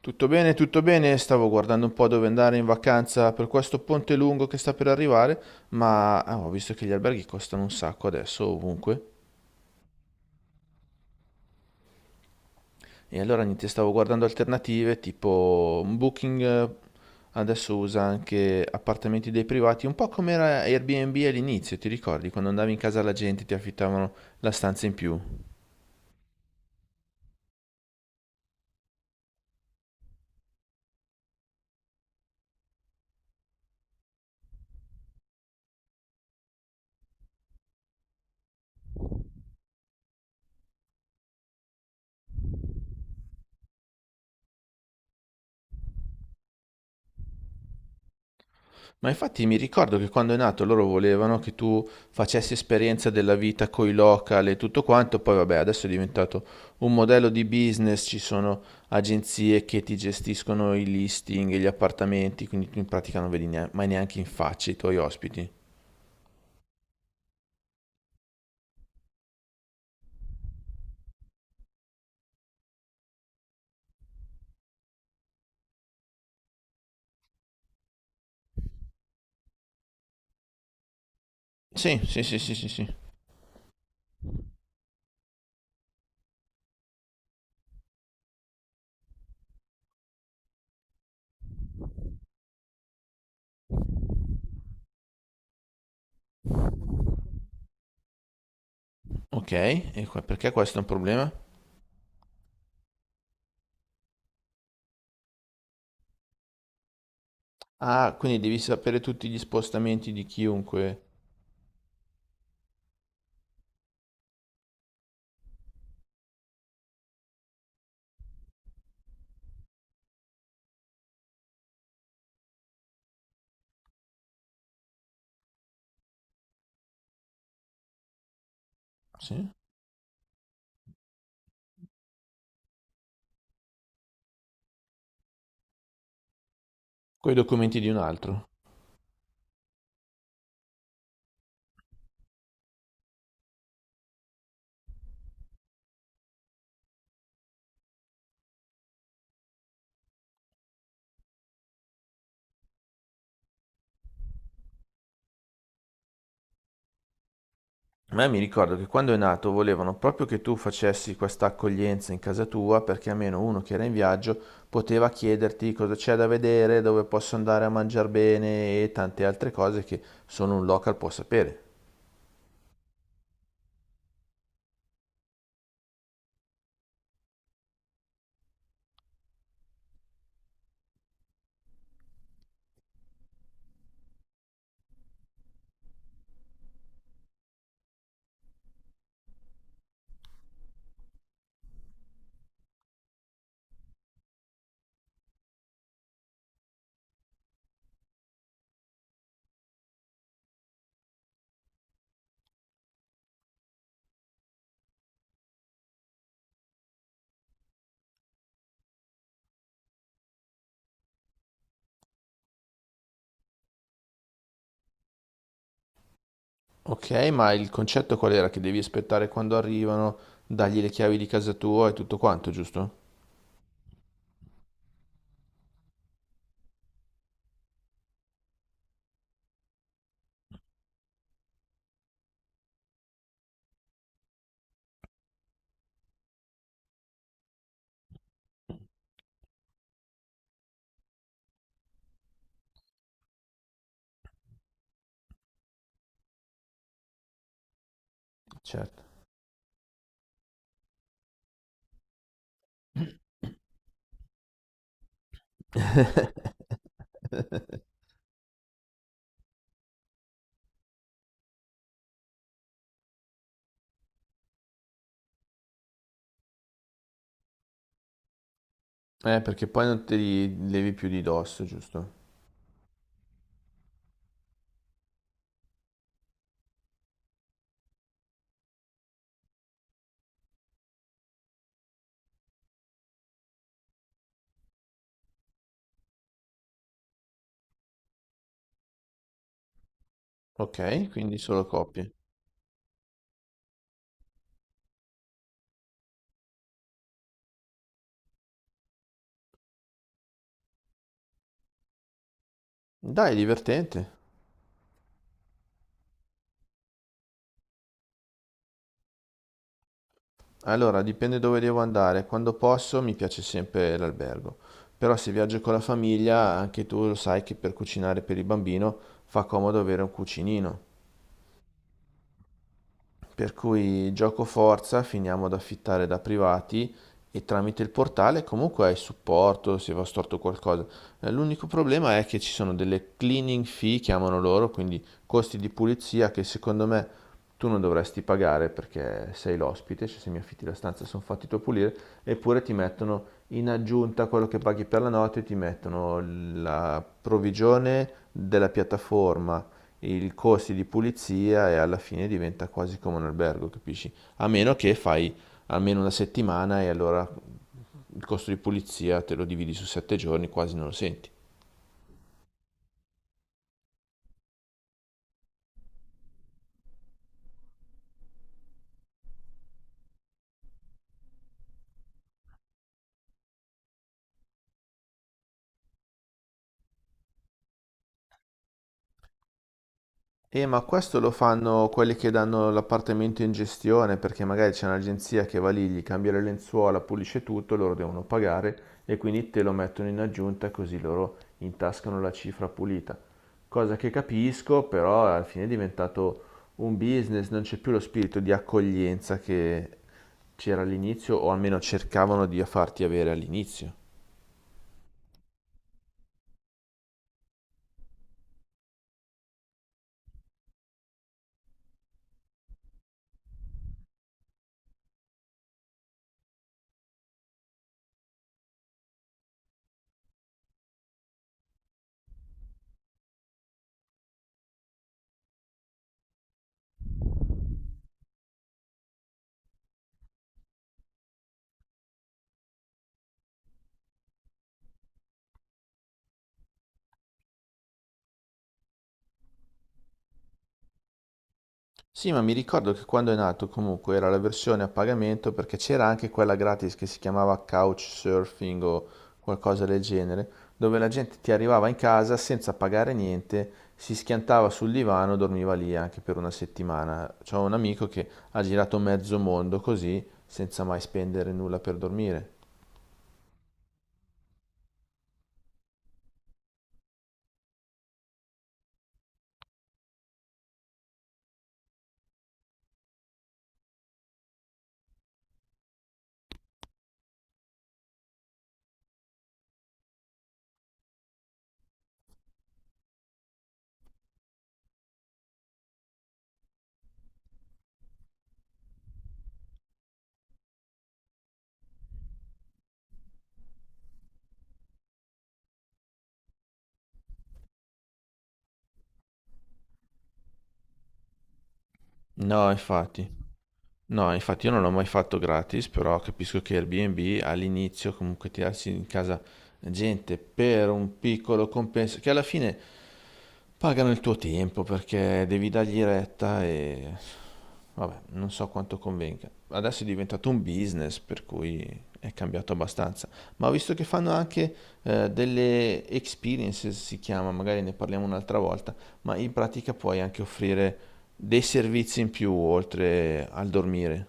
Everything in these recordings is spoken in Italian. Tutto bene, stavo guardando un po' dove andare in vacanza per questo ponte lungo che sta per arrivare, ma ho visto che gli alberghi costano un sacco adesso ovunque. E allora niente, stavo guardando alternative tipo un Booking, adesso usa anche appartamenti dei privati, un po' come era Airbnb all'inizio, ti ricordi? Quando andavi in casa alla gente ti affittavano la stanza in più. Ma infatti mi ricordo che quando è nato loro volevano che tu facessi esperienza della vita coi local e tutto quanto, poi vabbè, adesso è diventato un modello di business, ci sono agenzie che ti gestiscono i listing e gli appartamenti, quindi tu in pratica non vedi mai neanche in faccia i tuoi ospiti. Sì, sì, sì, sì, sì, sì. Ok, e perché questo è un problema? Ah, quindi devi sapere tutti gli spostamenti di chiunque. Sì? Coi documenti di un altro. Ma mi ricordo che quando è nato volevano proprio che tu facessi questa accoglienza in casa tua perché almeno uno che era in viaggio poteva chiederti cosa c'è da vedere, dove posso andare a mangiare bene e tante altre cose che solo un local può sapere. Ok, ma il concetto qual era? Che devi aspettare quando arrivano, dargli le chiavi di casa tua e tutto quanto, giusto? Certo. Perché poi non te li levi più di dosso, giusto? Ok, quindi solo coppie. Dai, divertente. Allora, dipende dove devo andare. Quando posso mi piace sempre l'albergo. Però se viaggio con la famiglia, anche tu lo sai che per cucinare per il bambino fa comodo avere un cucinino. Per cui giocoforza finiamo ad affittare da privati e tramite il portale comunque hai supporto se va storto qualcosa. L'unico problema è che ci sono delle cleaning fee, chiamano loro, quindi costi di pulizia che secondo me tu non dovresti pagare perché sei l'ospite, cioè se mi affitti la stanza sono fatti tu a pulire, eppure ti mettono in aggiunta a quello che paghi per la notte, ti mettono la provvigione della piattaforma, i costi di pulizia e alla fine diventa quasi come un albergo, capisci? A meno che fai almeno una settimana e allora il costo di pulizia te lo dividi su sette giorni, quasi non lo senti. Ma questo lo fanno quelli che danno l'appartamento in gestione, perché magari c'è un'agenzia che va lì, gli cambia le lenzuola, pulisce tutto, loro devono pagare e quindi te lo mettono in aggiunta così loro intascano la cifra pulita. Cosa che capisco, però alla fine è diventato un business, non c'è più lo spirito di accoglienza che c'era all'inizio, o almeno cercavano di farti avere all'inizio. Sì, ma mi ricordo che quando è nato comunque era la versione a pagamento perché c'era anche quella gratis che si chiamava Couchsurfing o qualcosa del genere, dove la gente ti arrivava in casa senza pagare niente, si schiantava sul divano, dormiva lì anche per una settimana. C'ho un amico che ha girato mezzo mondo così, senza mai spendere nulla per dormire. No, infatti. No, infatti io non l'ho mai fatto gratis, però capisco che Airbnb all'inizio comunque tirarsi in casa gente per un piccolo compenso, che alla fine pagano il tuo tempo perché devi dargli retta e vabbè, non so quanto convenga. Adesso è diventato un business, per cui è cambiato abbastanza. Ma ho visto che fanno anche delle experiences, si chiama, magari ne parliamo un'altra volta, ma in pratica puoi anche offrire dei servizi in più oltre al dormire.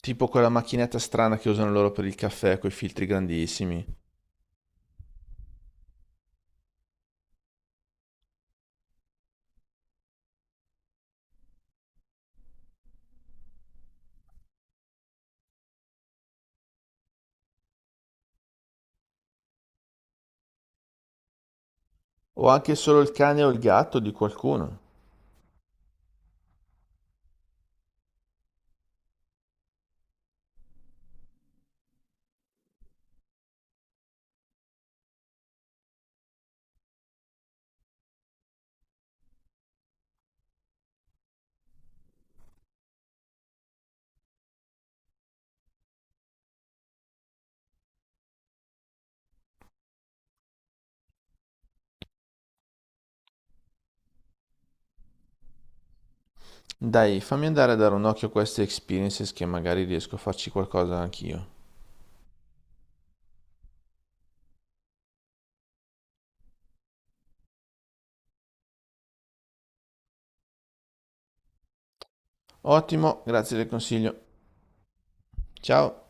Tipo quella macchinetta strana che usano loro per il caffè coi filtri grandissimi. O anche solo il cane o il gatto di qualcuno. Dai, fammi andare a dare un occhio a queste experiences che magari riesco a farci qualcosa anch'io. Ottimo, grazie del consiglio. Ciao!